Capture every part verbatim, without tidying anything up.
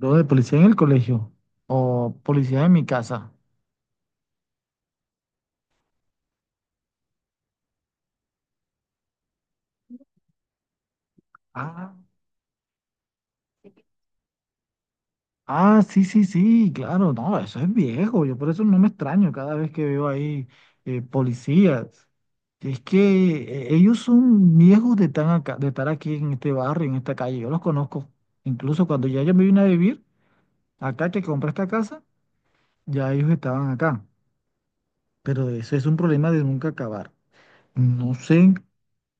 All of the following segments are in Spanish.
¿Lo de policía en el colegio? ¿O policía en mi casa? Ah, ah, sí, sí, sí, claro, no, eso es viejo, yo por eso no me extraño cada vez que veo ahí eh, policías. Es que eh, ellos son viejos de, tan acá- de estar aquí en este barrio, en esta calle, yo los conozco. Incluso cuando ya yo me vine a vivir, acá que compré esta casa, ya ellos estaban acá. Pero eso es un problema de nunca acabar. No sé.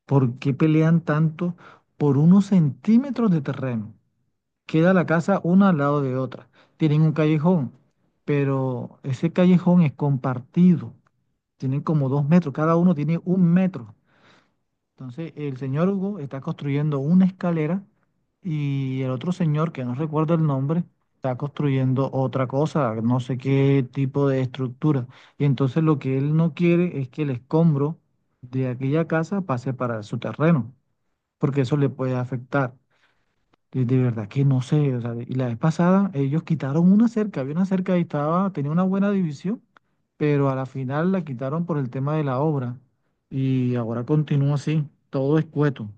¿Por qué pelean tanto por unos centímetros de terreno? Queda la casa una al lado de otra. Tienen un callejón, pero ese callejón es compartido. Tienen como dos metros, cada uno tiene un metro. Entonces, el señor Hugo está construyendo una escalera y el otro señor, que no recuerdo el nombre, está construyendo otra cosa, no sé qué tipo de estructura. Y entonces lo que él no quiere es que el escombro de aquella casa pase para su terreno porque eso le puede afectar. De, de verdad que no sé, o sea, y la vez pasada ellos quitaron una cerca, había una cerca y estaba, tenía una buena división, pero a la final la quitaron por el tema de la obra y ahora continúa así, todo escueto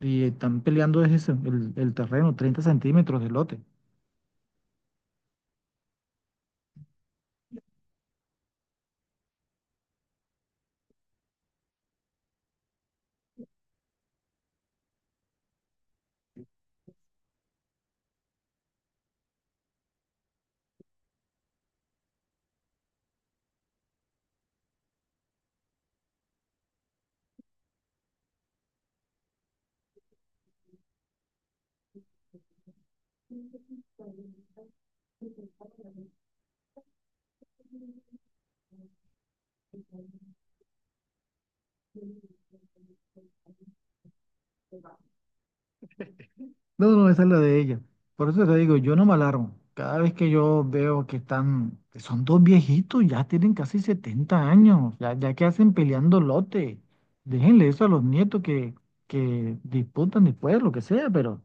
y están peleando es eso, el, el terreno, treinta centímetros de lote. No, no, esa es la de ella. Por eso te digo, yo no me alarmo. Cada vez que yo veo que están, que son dos viejitos, ya tienen casi setenta años, ya, ya que hacen peleando lote. Déjenle eso a los nietos que, que disputan después, lo que sea, pero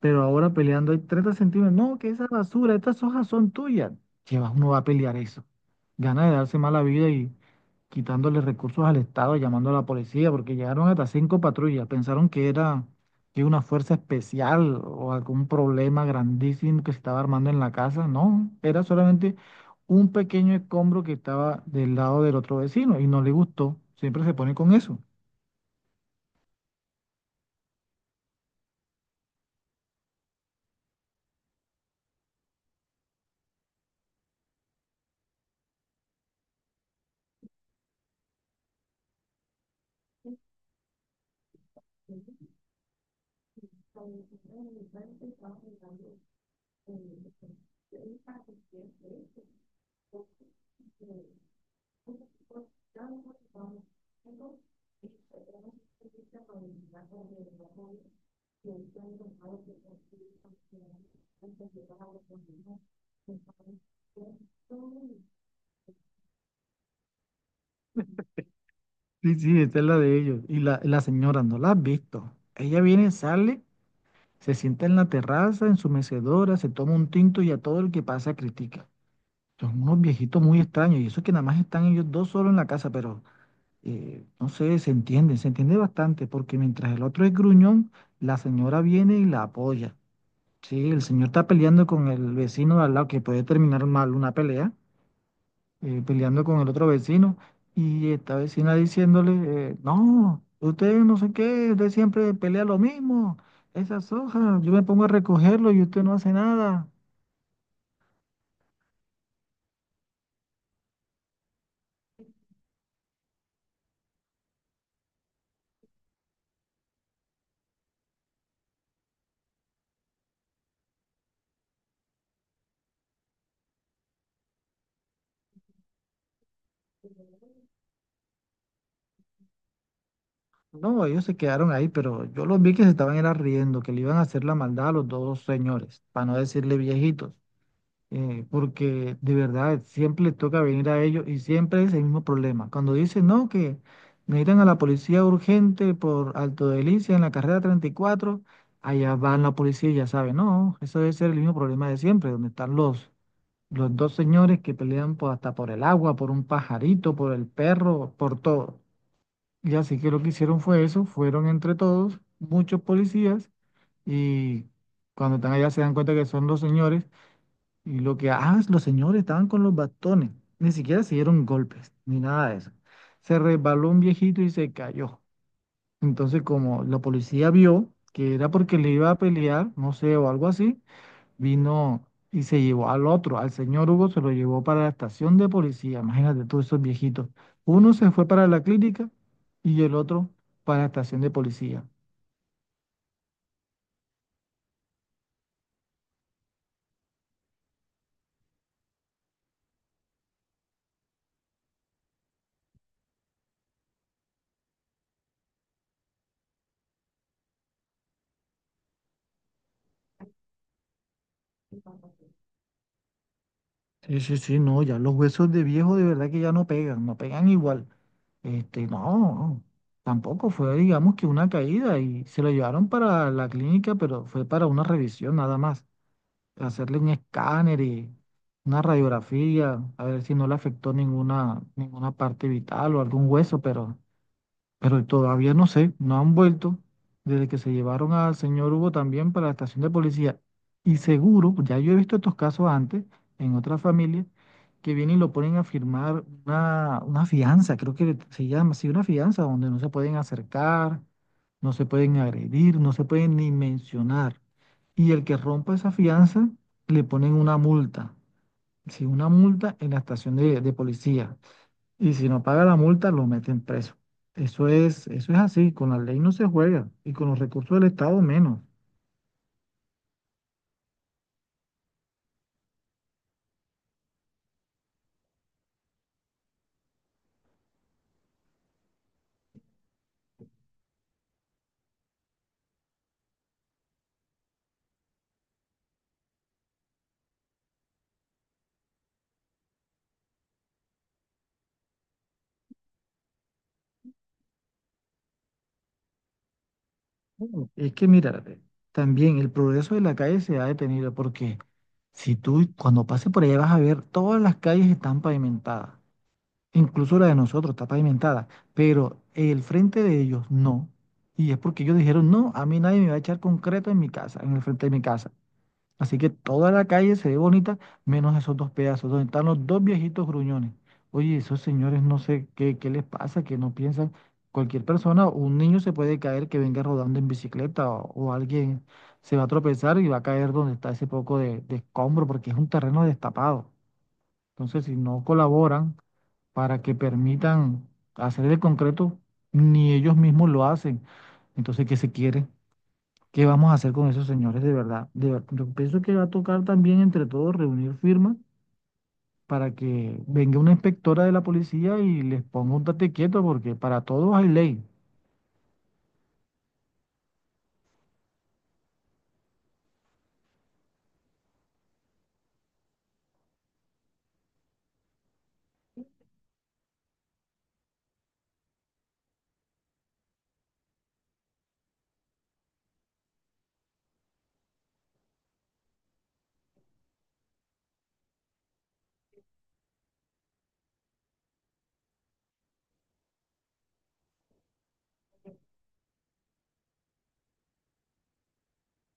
pero ahora peleando hay treinta centímetros. No, que esa basura, estas hojas son tuyas. Llevas, uno va a pelear eso. Gana de darse mala vida y quitándole recursos al Estado, llamando a la policía, porque llegaron hasta cinco patrullas. Pensaron que era que una fuerza especial o algún problema grandísimo que se estaba armando en la casa. No, era solamente un pequeño escombro que estaba del lado del otro vecino y no le gustó. Siempre se pone con eso. Sí, sí, esta es la de ellos. Y la, la señora, ¿no la has visto? Ella viene, sale, se sienta en la terraza, en su mecedora, se toma un tinto y a todo el que pasa critica. Son unos viejitos muy extraños y eso que nada más están ellos dos solos en la casa, pero eh, no sé, se entiende, se entiende bastante, porque mientras el otro es gruñón, la señora viene y la apoya. Sí, el señor está peleando con el vecino de al lado, que puede terminar mal una pelea, eh, peleando con el otro vecino, y esta vecina diciéndole, eh, no, usted no sé qué, usted siempre pelea lo mismo, esas hojas, yo me pongo a recogerlo y usted no hace nada. No, ellos se quedaron ahí, pero yo los vi que se estaban era riendo, que le iban a hacer la maldad a los dos señores, para no decirle viejitos. Eh, porque de verdad siempre les toca venir a ellos y siempre es el mismo problema. Cuando dicen no, que necesitan a la policía urgente por Alto Delicia en la carrera treinta y cuatro, allá van la policía y ya saben, no, eso debe ser el mismo problema de siempre, donde están los, los dos señores que pelean por, hasta por el agua, por un pajarito, por el perro, por todo. Y así que lo que hicieron fue eso, fueron entre todos, muchos policías, y cuando están allá se dan cuenta que son los señores y lo que, ah, los señores estaban con los bastones. Ni siquiera se dieron golpes, ni nada de eso. Se resbaló un viejito y se cayó. Entonces, como la policía vio que era porque le iba a pelear, no sé, o algo así, vino y se llevó al otro, al señor Hugo, se lo llevó para la estación de policía. Imagínate todos esos viejitos. Uno se fue para la clínica y el otro para la estación de policía. Sí, sí, sí, no, ya los huesos de viejo de verdad que ya no pegan, no pegan igual. Este, no, tampoco fue, digamos que una caída y se lo llevaron para la clínica, pero fue para una revisión nada más, hacerle un escáner y una radiografía, a ver si no le afectó ninguna, ninguna parte vital o algún hueso, pero pero todavía no sé, no han vuelto desde que se llevaron al señor Hugo también para la estación de policía. Y seguro, ya yo he visto estos casos antes en otras familias, que vienen y lo ponen a firmar una, una fianza, creo que se llama así, una fianza donde no se pueden acercar, no se pueden agredir, no se pueden ni mencionar. Y el que rompa esa fianza, le ponen una multa, sí, una multa en la estación de de policía. Y si no paga la multa, lo meten preso. Eso es, eso es así, con la ley no se juega y con los recursos del Estado menos. Bueno, es que mira, eh, también el progreso de la calle se ha detenido porque si tú cuando pases por allá vas a ver todas las calles están pavimentadas, incluso la de nosotros está pavimentada, pero el frente de ellos no. Y es porque ellos dijeron, no, a mí nadie me va a echar concreto en mi casa, en el frente de mi casa. Así que toda la calle se ve bonita, menos esos dos pedazos, donde están los dos viejitos gruñones. Oye, esos señores no sé qué, qué, les pasa, que no piensan. Cualquier persona, un niño se puede caer que venga rodando en bicicleta o, o alguien se va a tropezar y va a caer donde está ese poco de, de escombro, porque es un terreno destapado. Entonces, si no colaboran para que permitan hacer el concreto, ni ellos mismos lo hacen. Entonces, ¿qué se quiere? ¿Qué vamos a hacer con esos señores de verdad? De ver- yo pienso que va a tocar también entre todos reunir firmas para que venga una inspectora de la policía y les ponga un tate quieto porque para todos hay ley.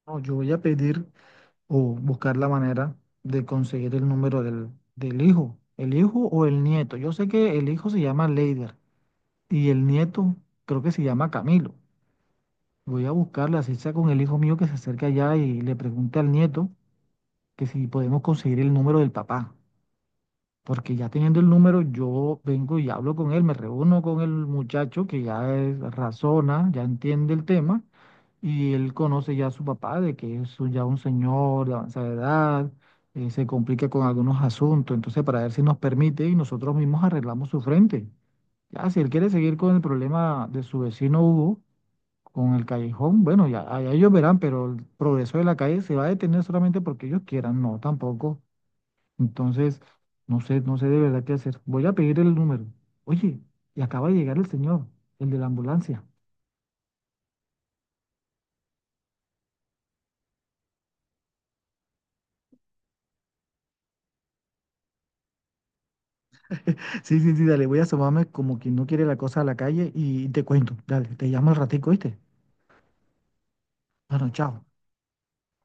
No, yo voy a pedir o buscar la manera de conseguir el número del, del hijo, el hijo o el nieto. Yo sé que el hijo se llama Leider y el nieto creo que se llama Camilo. Voy a buscarle, así sea con el hijo mío que se acerca allá y le pregunte al nieto que si podemos conseguir el número del papá. Porque ya teniendo el número, yo vengo y hablo con él, me reúno con el muchacho que ya es- razona, ya entiende el tema, y él conoce ya a su papá, de que es un- ya un señor de avanzada edad, eh, se complica con algunos asuntos, entonces para ver si nos permite y nosotros mismos arreglamos su frente. Ya, si él quiere seguir con el problema de su vecino Hugo, con el callejón, bueno, ya, ya ellos verán, pero el progreso de la calle se va a detener solamente porque ellos quieran, no, tampoco. Entonces, no sé, no sé de verdad qué hacer. Voy a pedir el número. Oye, y acaba de llegar el señor, el de la ambulancia. Sí, sí, sí, dale, voy a asomarme como quien no quiere la cosa a la calle y te cuento. Dale, te llamo al ratico, ¿viste? Bueno, chao.